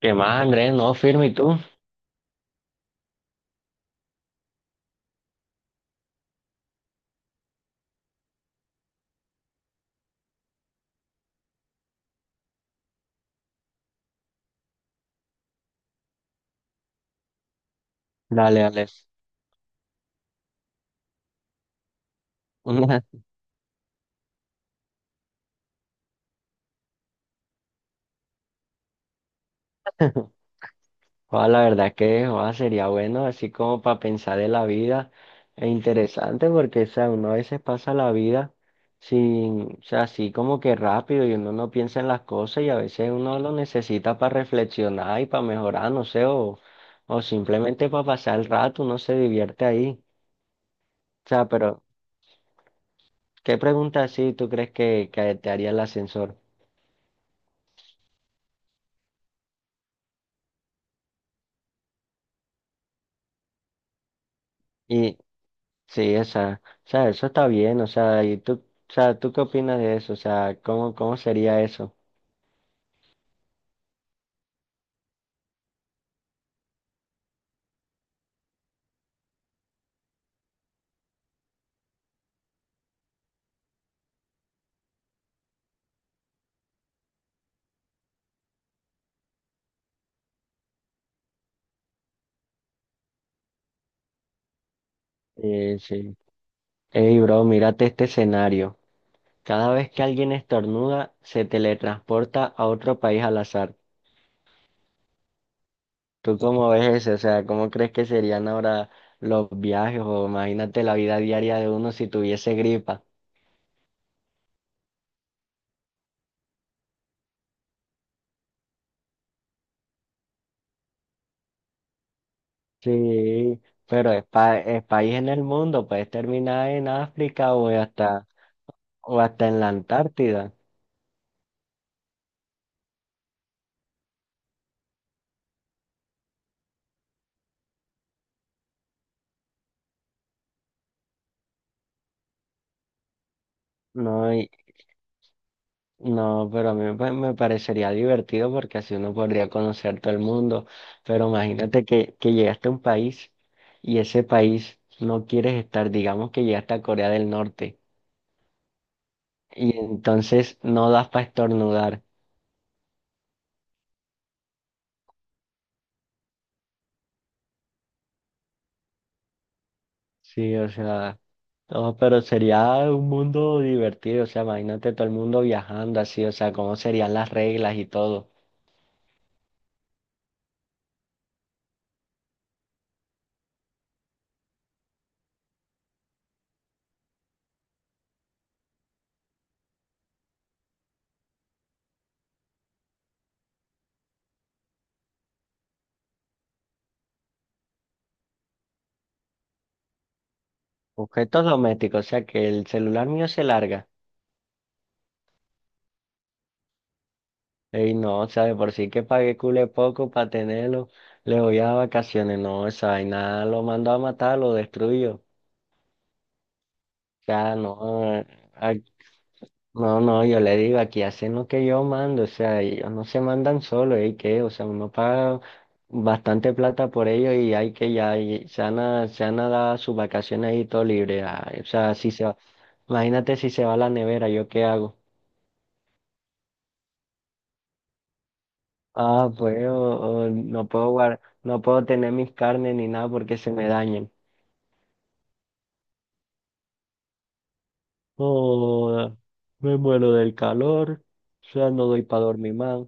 ¿Qué más, Andrés? No, firme, ¿y tú? Dale, dale. Una, joda, la verdad que joda, sería bueno, así como para pensar en la vida. Es interesante porque, o sea, uno a veces pasa la vida sin, o sea, así como que rápido y uno no piensa en las cosas y a veces uno lo necesita para reflexionar y para mejorar, no sé, o simplemente para pasar el rato, uno se divierte ahí. O sea, pero, ¿qué pregunta así tú crees que te haría el ascensor? Sí, o sea, eso está bien, o sea, ¿y tú, o sea, tú qué opinas de eso? O sea, ¿cómo, cómo sería eso? Sí. Ey, bro, mírate este escenario. Cada vez que alguien estornuda, se teletransporta a otro país al azar. ¿Tú cómo ves eso? O sea, ¿cómo crees que serían ahora los viajes? O imagínate la vida diaria de uno si tuviese gripa. Sí, pero es, es país en el mundo, puedes terminar en África o hasta en la Antártida. No, no, pero a mí me parecería divertido porque así uno podría conocer todo el mundo. Pero imagínate que llegaste a un país y ese país no quieres estar, digamos que llegaste a Corea del Norte y entonces no das para estornudar. Sí, o sea, no, pero sería un mundo divertido. O sea, imagínate todo el mundo viajando así, o sea, cómo serían las reglas y todo. Objetos domésticos, o sea, que el celular mío se larga. Ey, no, o sea, de por sí que pagué cule poco para tenerlo, le voy a vacaciones, no, esa vaina lo mando a matar, lo destruyo. O sea, no, ah, no, no, yo le digo, aquí hacen lo que yo mando, o sea, ellos no se mandan solo, ¿y qué? O sea, uno paga bastante plata por ellos y hay que ya, y se han a dar sus vacaciones ahí todo libre. Ay, o sea, imagínate si se va a la nevera, ¿yo qué hago? Ah, pues, o no puedo guardar no puedo tener mis carnes ni nada porque se me dañen. Joda, me muero del calor. O sea, no doy para dormir más.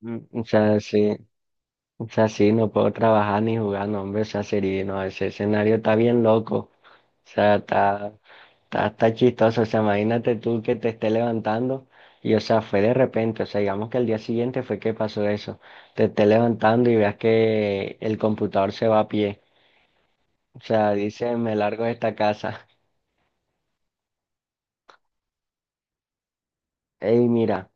Mm. O sea, sí. O sea, sí, no puedo trabajar ni jugar, no, hombre. O sea, sería, no, ese escenario está bien loco. O sea, está chistoso. O sea, imagínate tú que te esté levantando. Y, o sea, fue de repente. O sea, digamos que el día siguiente fue que pasó eso. Te esté levantando y veas que el computador se va a pie. O sea, dice, me largo de esta casa. Ey, mira.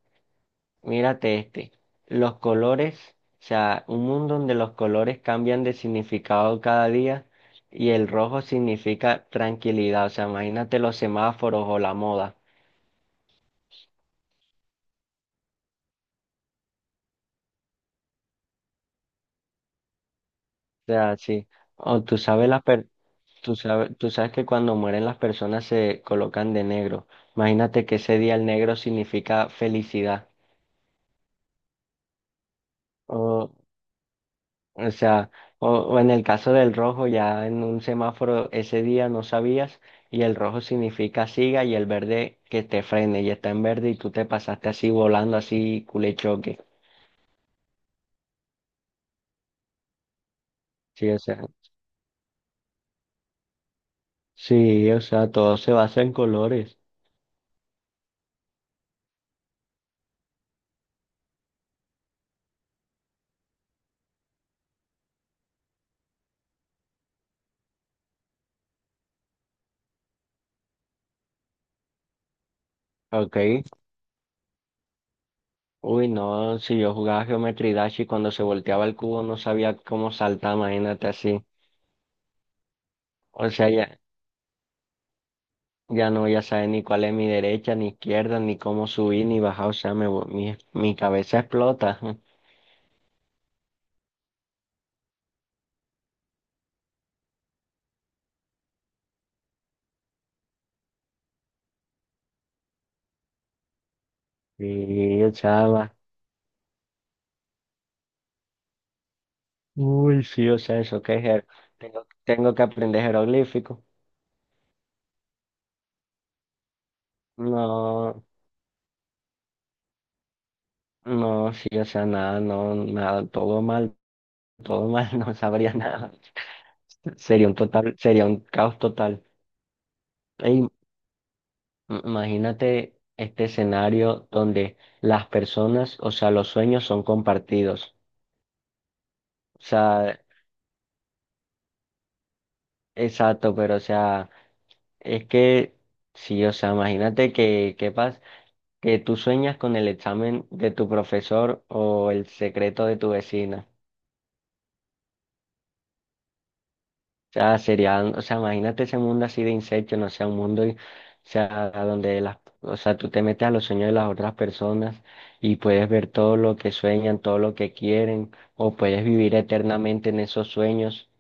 Mírate este, los colores, o sea, un mundo donde los colores cambian de significado cada día y el rojo significa tranquilidad, o sea, imagínate los semáforos o la moda, o sea, sí, o tú sabes las per- tú sabes que cuando mueren las personas se colocan de negro, imagínate que ese día el negro significa felicidad. O sea, o en el caso del rojo, ya en un semáforo ese día no sabías y el rojo significa siga y el verde que te frene y está en verde y tú te pasaste así volando así culechoque. Sí, o sea, sí, o sea, todo se basa en colores. Ok. Uy, no, si yo jugaba Geometry Dash y cuando se volteaba el cubo no sabía cómo saltar, imagínate así. O sea, ya, ya no, ya sabes ni cuál es mi derecha, ni izquierda, ni cómo subir, ni bajar, o sea, mi cabeza explota. Sí, chava. Uy, sí, o sea, eso que es. Tengo, tengo que aprender jeroglífico. No, no, sí, o sea, nada, no, nada, todo mal, no sabría nada. Sería un total, sería un caos total. Ey, imagínate este escenario donde las personas, o sea, los sueños son compartidos. O sea, exacto, pero o sea, es que sí, o sea, imagínate que, ¿qué pasa? Que tú sueñas con el examen de tu profesor o el secreto de tu vecina. O sea, sería, o sea, imagínate ese mundo así de insectos, no sea, un mundo, o sea, donde las, o sea, tú te metes a los sueños de las otras personas y puedes ver todo lo que sueñan, todo lo que quieren, o puedes vivir eternamente en esos sueños.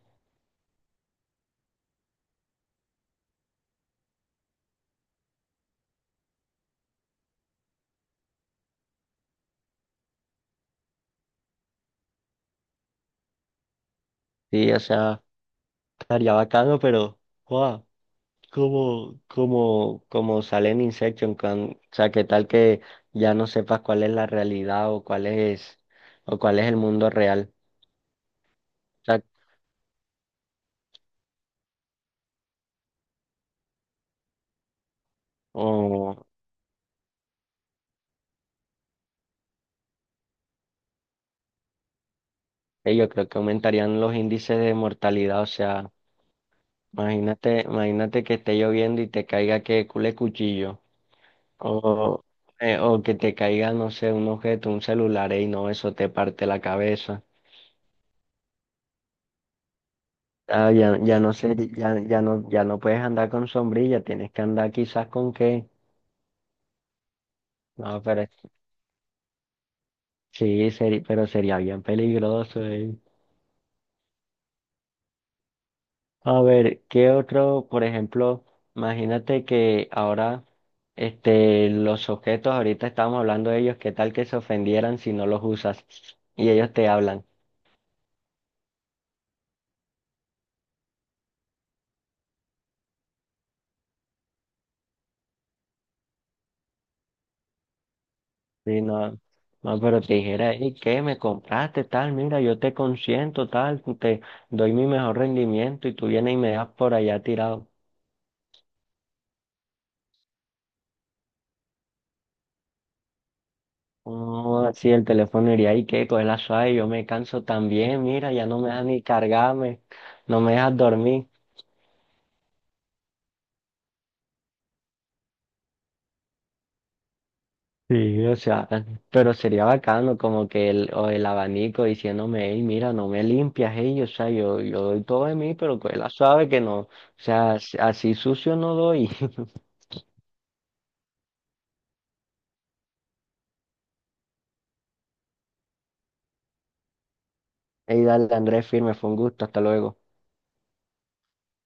Sí, o sea, estaría bacano, pero, wow. Como, como, como sale en Inception, o sea, que tal que ya no sepas cuál es la realidad o cuál es el mundo real. O sea, o, yo creo que aumentarían los índices de mortalidad. O sea, imagínate, imagínate que esté lloviendo y te caiga que cule cuchillo. O, o que te caiga, no sé, un objeto, un celular, y no, eso te parte la cabeza. Ah, ya, ya no sé, ya, ya no, ya no puedes andar con sombrilla, tienes que andar quizás con qué. No, pero sí, pero sería bien peligroso, eh. A ver, ¿qué otro, por ejemplo, imagínate que ahora, este, los objetos, ahorita estábamos hablando de ellos, ¿qué tal que se ofendieran si no los usas? Y ellos te hablan. Sí, no, no, pero te dijera, hey, ¿qué? ¿Me compraste tal? Mira, yo te consiento tal, te doy mi mejor rendimiento y tú vienes y me das por allá tirado. No, así el teléfono iría y qué, coge la suave, yo me canso también, mira, ya no me deja ni cargarme, no me deja dormir. Sí, o sea, pero sería bacano como que el, o el abanico diciéndome, hey, mira, no me limpias, hey, o sea, yo doy todo de mí, pero coge la suave que no, o sea, así así sucio no doy. Hey, dale, Andrés, firme, fue un gusto, hasta luego.